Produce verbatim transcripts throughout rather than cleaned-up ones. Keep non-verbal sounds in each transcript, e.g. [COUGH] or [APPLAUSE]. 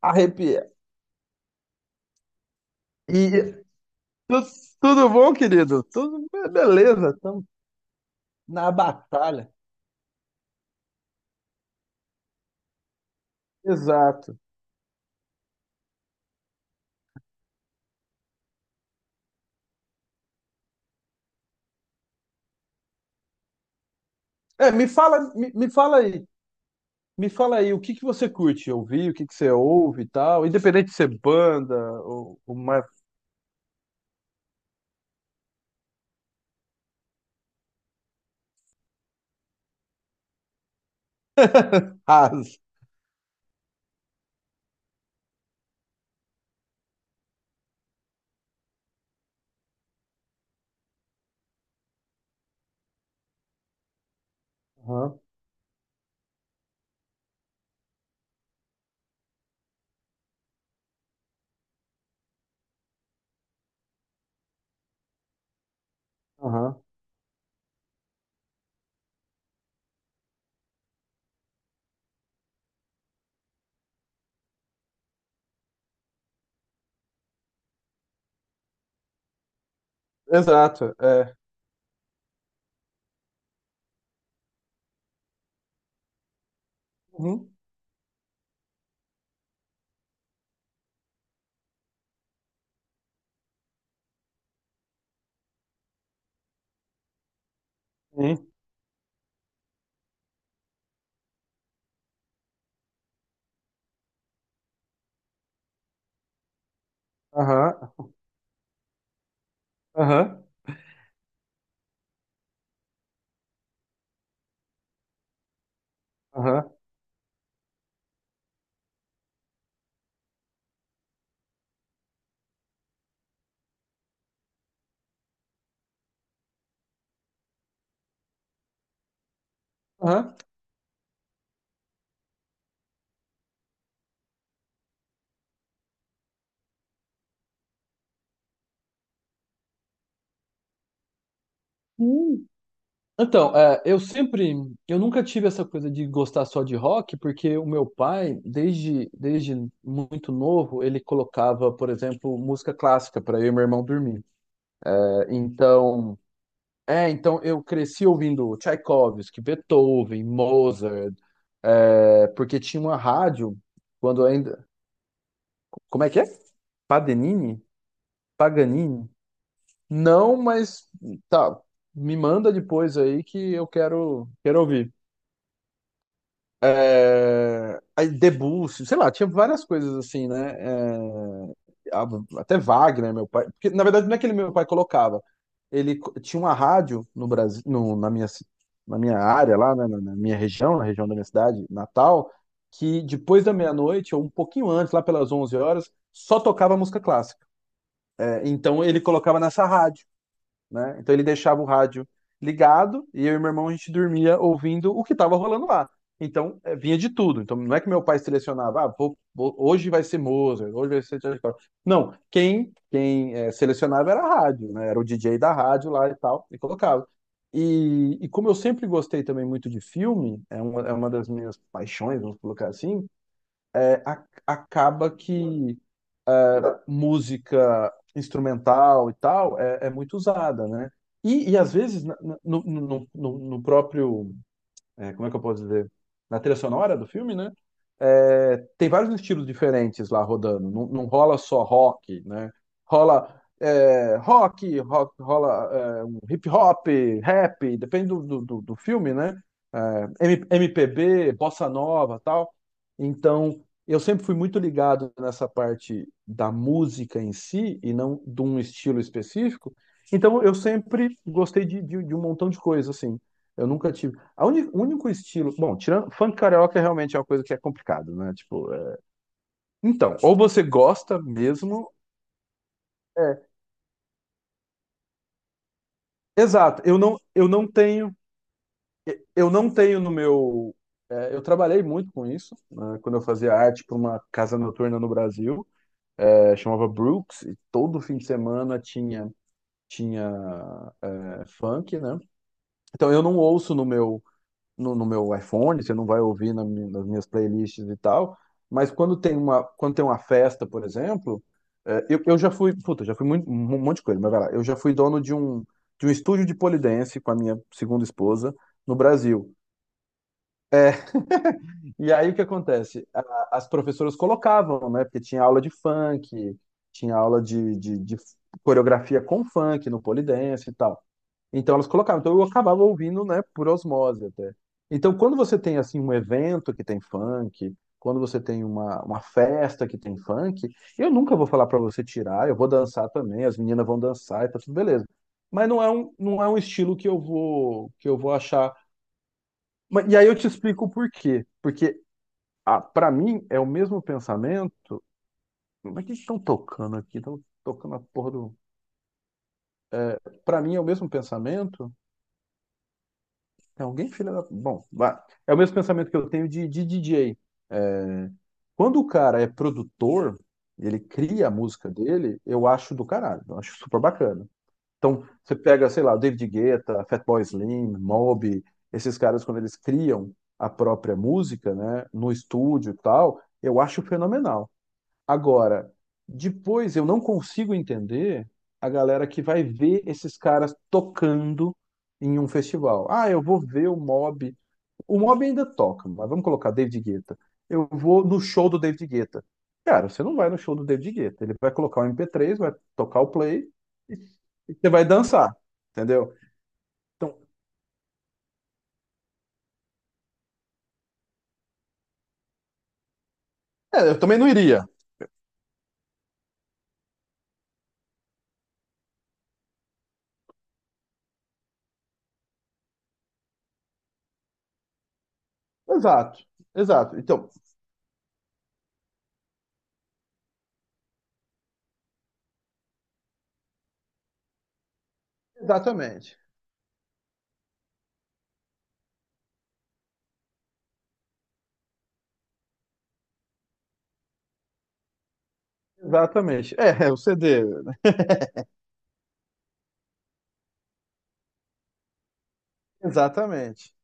Arrepia. E tu- tudo bom, querido? Tudo be- beleza, estamos na batalha. Exato. É, me fala, me, me fala aí, me fala aí, o que que você curte ouvir, o que que você ouve e tal, independente de ser banda ou, ou mais [LAUGHS] raso. Aham, aham. Exato, é. Uhum, sim. Aham, aham, aham, aham. Sim. Então, é, eu sempre, eu nunca tive essa coisa de gostar só de rock, porque o meu pai, desde, desde muito novo, ele colocava, por exemplo, música clássica para eu e meu irmão dormir. É. Então, é, então eu cresci ouvindo Tchaikovsky, Beethoven, Mozart, é, porque tinha uma rádio quando ainda, como é que é? Paganini? Paganini? Não, mas tá, me manda depois aí que eu quero, quero ouvir. é, Debussy, sei lá, tinha várias coisas assim, né? É, a- até Wagner, meu pai. Porque, na verdade, não é que ele, meu pai colocava. Ele co- tinha uma rádio no Brasil, no- na minha, ci- na minha área lá, né, na na minha região, na região da minha cidade, Natal, que depois da meia-noite, ou um pouquinho antes, lá pelas onze horas, só tocava música clássica. É. Então ele colocava nessa rádio, né? Então ele deixava o rádio ligado e eu e meu irmão a gente dormia ouvindo o que estava rolando lá. Então eh, vinha de tudo. Então não é que meu pai selecionava, ah, vou- vou- hoje vai ser Mozart, hoje vai ser Charlie Brown. Não, quem quem eh, selecionava era a rádio, né? Era o D J da rádio lá e tal e colocava. E, e como eu sempre gostei também muito de filme, é uma, é uma das minhas paixões, vamos colocar assim, é, a- acaba que é, música instrumental e tal é, é muito usada, né? E, e às vezes na- na- no, no, no, no próprio é, como é que eu posso dizer? Na trilha sonora do filme, né? É, tem vários estilos diferentes lá rodando. Não, não rola só rock, né? Rola é, rock, rock, rola é, um hip hop, rap, depende do, do, do- do filme, né? É, M- MPB, bossa nova, tal. Então, eu sempre fui muito ligado nessa parte da música em si e não de um estilo específico. Então, eu sempre gostei de, de, de um montão de coisa, assim. Eu nunca tive a uni- o único estilo. Bom, tirando. Funk carioca realmente é uma coisa que é complicado, né? Tipo, é. Então, ou você gosta mesmo. É. Exato. Eu não, eu não tenho. Eu não tenho no meu. É, eu trabalhei muito com isso, né, quando eu fazia arte para uma casa noturna no Brasil, é, chamava Brooks, e todo fim de semana tinha, tinha é, funk, né? Então eu não ouço no meu no, no meu iPhone, você não vai ouvir na mi- nas minhas playlists e tal. Mas quando tem uma, quando tem uma festa, por exemplo, é, eu, eu já fui, puta, já fui muito, um monte de coisa, mas vai lá. Eu já fui dono de um, de um estúdio de pole dance com a minha segunda esposa no Brasil. E aí o que acontece? A- as professoras colocavam, né? Porque tinha aula de funk, tinha aula de, de, de coreografia com funk no pole dance e tal. Então elas colocavam. Então eu acabava ouvindo, né, por osmose até. Então quando você tem assim um evento que tem funk, quando você tem uma, uma festa que tem funk, eu nunca vou falar para você tirar, eu vou dançar também, as meninas vão dançar e tá tudo beleza. Mas não é um, não é um estilo que eu vou que eu vou achar. Mas- E aí eu te explico o porquê. Porque, ah, para mim é o mesmo pensamento. Mas é que eles estão tocando aqui? Estão tocando a porra do. Para mim é o mesmo pensamento. É alguém filha da. Bom, vai. É o mesmo pensamento que eu tenho de, de D J. É, quando o cara é produtor, ele cria a música dele, eu acho do caralho, eu acho super bacana. Então, você pega, sei lá, o David Guetta, Fatboy Slim, Mob, esses caras, quando eles criam a própria música, né, no estúdio e tal, eu acho fenomenal. Agora, depois eu não consigo entender a galera que vai ver esses caras tocando em um festival. Ah, eu vou ver o Mob, o Mob ainda toca, mas vamos colocar David Guetta. Eu vou no show do David Guetta. Cara, você não vai no show do David Guetta. Ele vai colocar o M P três, vai tocar o play e e você vai dançar, entendeu? Então, é, eu também não iria. Exato, exato. Então, exatamente. Exatamente. É, é o C D, né? Exatamente.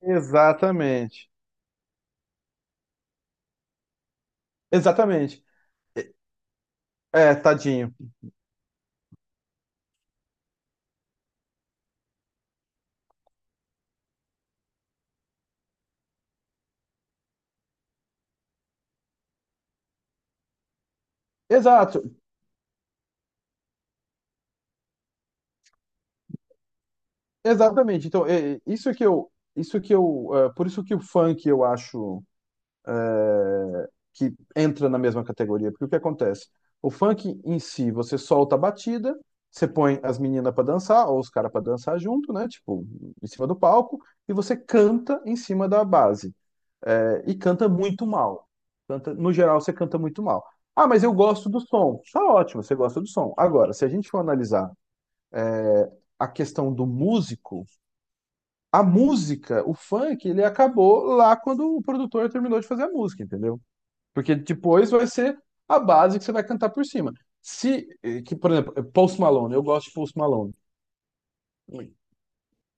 Exatamente. Exatamente. É, tadinho. Exato, exatamente. Então, é, é, isso que eu, isso que eu, é, por isso que o funk eu acho é, que entra na mesma categoria. Porque o que acontece? O funk em si, você solta a batida, você põe as meninas para dançar, ou os caras para dançar junto, né? Tipo, em cima do palco, e você canta em cima da base. É, e canta muito mal. Canta, no geral, você canta muito mal. Ah, mas eu gosto do som. Tá ótimo, você gosta do som. Agora, se a gente for analisar, é, a questão do músico, a música, o funk, ele acabou lá quando o produtor terminou de fazer a música, entendeu? Porque depois vai ser a base que você vai cantar por cima. Se, eh, que, por exemplo, eh, Post Malone, eu gosto de Post Malone. Ui.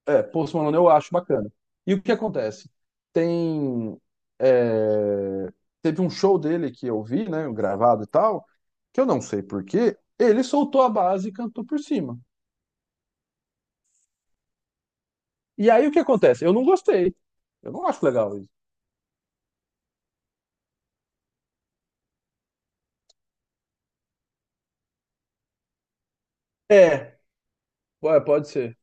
É, Post Malone eu acho bacana. E o que acontece? Tem. eh, Teve um show dele que eu vi, né, gravado e tal, que eu não sei por quê, ele soltou a base e cantou por cima. E aí o que acontece? Eu não gostei. Eu não acho legal isso. É, po- pode ser.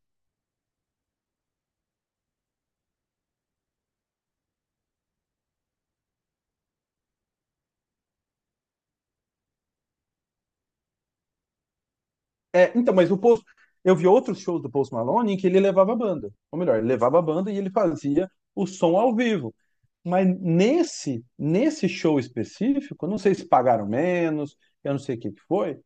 É, então, mas o Post, eu vi outros shows do Post Malone em que ele levava a banda. Ou melhor, ele levava a banda e ele fazia o som ao vivo. Mas nesse, nesse show específico, eu não sei se pagaram menos, eu não sei o que que foi,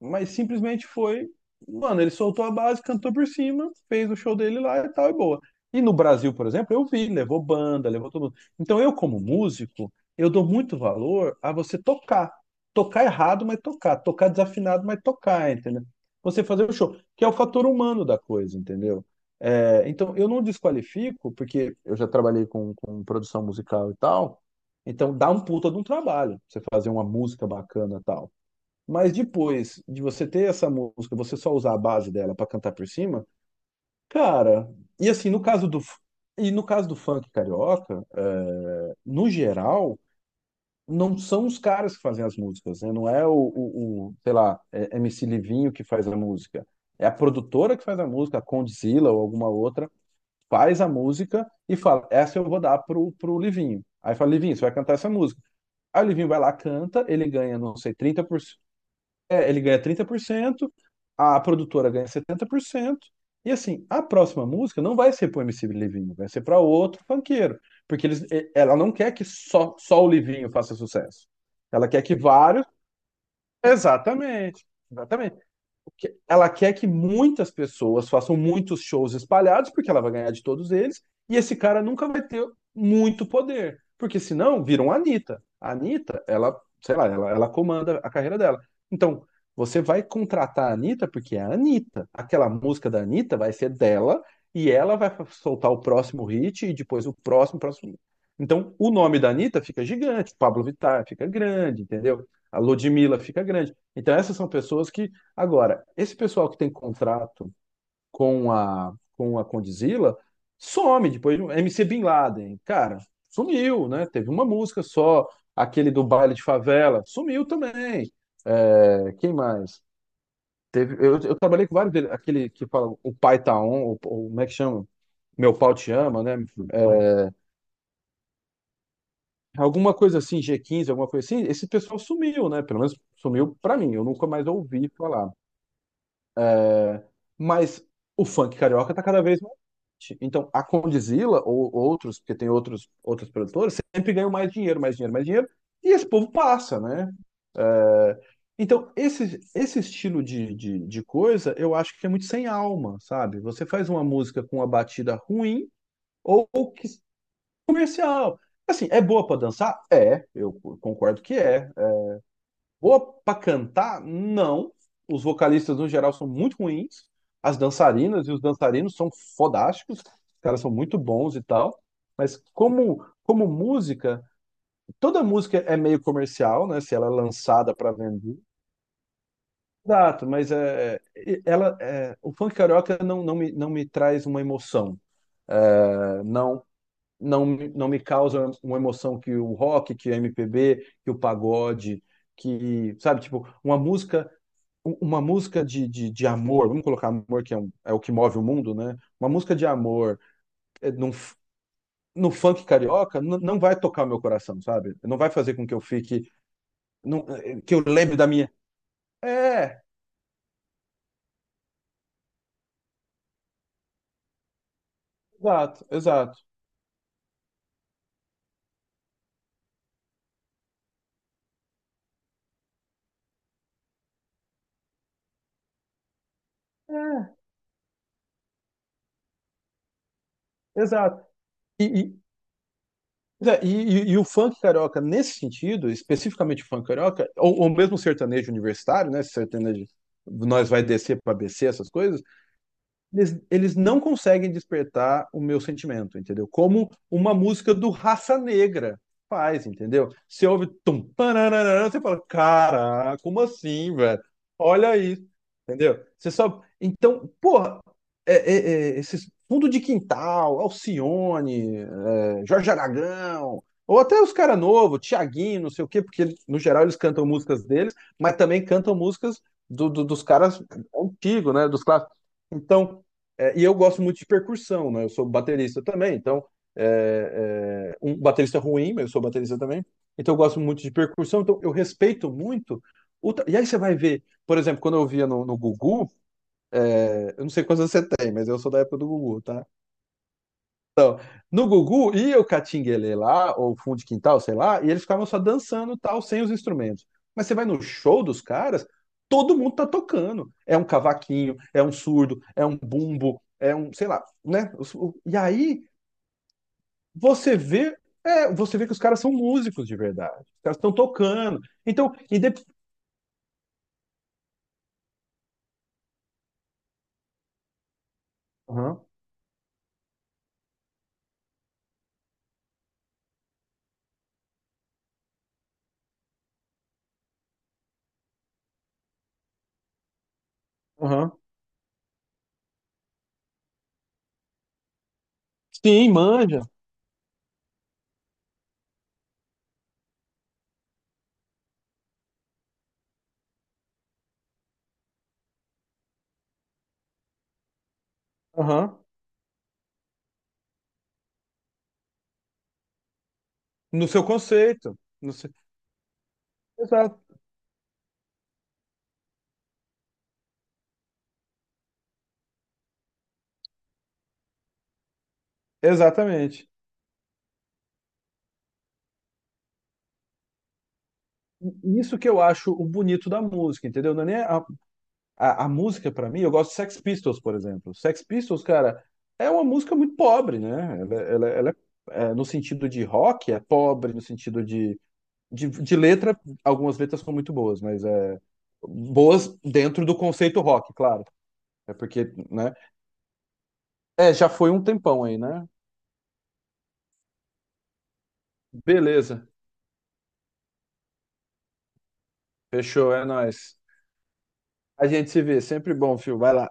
mas simplesmente foi, mano, ele soltou a base, cantou por cima, fez o show dele lá e tal, e boa. E no Brasil, por exemplo, eu vi, levou banda, levou todo mundo. Então eu, como músico, eu dou muito valor a você tocar. Tocar errado, mas tocar. Tocar desafinado, mas tocar, entendeu? Você fazer o show, que é o fator humano da coisa, entendeu? É, então eu não desqualifico, porque eu já trabalhei com, com produção musical e tal, então dá um puta de um trabalho você fazer uma música bacana e tal. Mas depois de você ter essa música, você só usar a base dela pra cantar por cima, cara. E assim, no caso do e no caso do funk carioca, é, no geral, não são os caras que fazem as músicas, né? Não é o, o, o, sei lá, é M C Livinho que faz a música. É a produtora que faz a música, a Condzilla ou alguma outra, faz a música e fala, essa eu vou dar pro, pro Livinho. Aí fala, Livinho, você vai cantar essa música. Aí o Livinho vai lá, canta, ele ganha, não sei, trinta por cento, é, ele ganha trinta por cento, a produtora ganha setenta por cento e assim, a próxima música não vai ser pro M C Livinho, vai ser para outro funkeiro, porque eles, e- ela não quer que só, só o Livinho faça sucesso. Ela quer que vários. Exatamente, exatamente que- ela quer que muitas pessoas façam muitos shows espalhados, porque ela vai ganhar de todos eles, e esse cara nunca vai ter muito poder, porque senão viram a Anitta. A Anitta, ela, sei lá, ela, ela comanda a carreira dela. Então, você vai contratar a Anitta porque é a Anitta. Aquela música da Anitta vai ser dela, e ela vai soltar o próximo hit, e depois o próximo, próximo. Então, o nome da Anitta fica gigante, Pablo Vittar fica grande, entendeu? A Ludmilla fica grande. Então, essas são pessoas que agora, esse pessoal que tem contrato com a, com a Condzilla some depois. M C Bin Laden, cara, sumiu, né? Teve uma música só, aquele do baile de favela, sumiu também. É, quem mais? Teve, eu, eu trabalhei com vários deles, aquele que fala o pai tá on, ou, ou como é que chama? Meu pau te ama, né? É, alguma coisa assim, G quinze, alguma coisa assim. Esse pessoal sumiu, né? Pelo menos sumiu pra mim, eu nunca mais ouvi falar. Mas o funk carioca tá cada vez mais forte. Então, a Condizila ou outros, porque tem outros, outros produtores, sempre ganham mais dinheiro, mais dinheiro, mais dinheiro, e esse povo passa, né? É, então, esse, esse estilo de, de, de coisa, eu acho que é muito sem alma, sabe? Você faz uma música com uma batida ruim ou, ou que- comercial. Assim, é boa pra dançar? É, eu concordo que é. Boa pra cantar? Não. Os vocalistas, no geral, são muito ruins. As dançarinas e os dançarinos são fodásticos. Os caras são muito bons e tal. Mas como, como música, toda música é meio comercial, né? Se ela é lançada para vender. Exato, mas é, é, ela, é, o funk carioca não, não me, não me traz uma emoção. É, não, não, me- não me causa uma emoção que o rock, que o M P B, que o pagode, que, sabe, tipo, uma música, u- uma música de, de, de amor, vamos colocar amor que é, um- é o que move o mundo, né? Uma música de amor, é, num, f- no funk carioca n- não vai tocar o meu coração, sabe? Não vai fazer com que eu fique, não- é, que eu lembre da minha. É, exato, exato. É, exato. E, e, é, e, e- e o funk carioca, nesse sentido, especificamente o funk carioca, ou, ou mesmo o sertanejo universitário, né? Esse sertanejo, nós vai descer para B C, essas coisas eles, eles não conseguem despertar o meu sentimento, entendeu? Como uma música do Raça Negra faz, entendeu? Você ouve tum, pananana, você fala, cara, como assim, velho? Olha isso, entendeu? Você só. Então, porra, é, é, é, esses fundo de quintal, Alcione, é, Jorge Aragão, ou até os cara novo, Thiaguinho, não sei o quê, porque eles- no geral eles cantam músicas deles, mas também cantam músicas do, do- dos caras antigos, né? Dos clássicos. Então, é, e eu gosto muito de percussão, né? Eu sou baterista também, então, é, é, um baterista ruim, mas eu sou baterista também. Então eu gosto muito de percussão, então eu respeito muito. o tra- E aí você vai ver, por exemplo, quando eu via no, no Gugu, é, eu não sei quantos anos você tem, mas eu sou da época do Gugu, tá? No Gugu ia o catinguelê lá, ou fundo de quintal, sei lá, e eles ficavam só dançando e tal, sem os instrumentos. Mas você vai no show dos caras, todo mundo tá tocando. É um cavaquinho, é um surdo, é um bumbo, é um, sei lá, né? Os- o- E aí você vê, é, você vê que os caras são músicos de verdade. Os caras estão tocando. Então, indep... Aham, aham. Sim, manja. Aham. No seu conceito. No seu... Exato. Exatamente. Isso que eu acho o bonito da música, entendeu? Não é nem a, A, a música, pra mim, eu gosto de Sex Pistols, por exemplo. Sex Pistols, cara, é uma música muito pobre, né? Ela, ela, ela é, é, no sentido de rock, é pobre, no sentido de, de, de letra, algumas letras são muito boas, mas é boas dentro do conceito rock, claro. É porque, né? É, já foi um tempão aí, né? Beleza, fechou, é nóis. A gente se vê, sempre bom, Fio. Vai lá.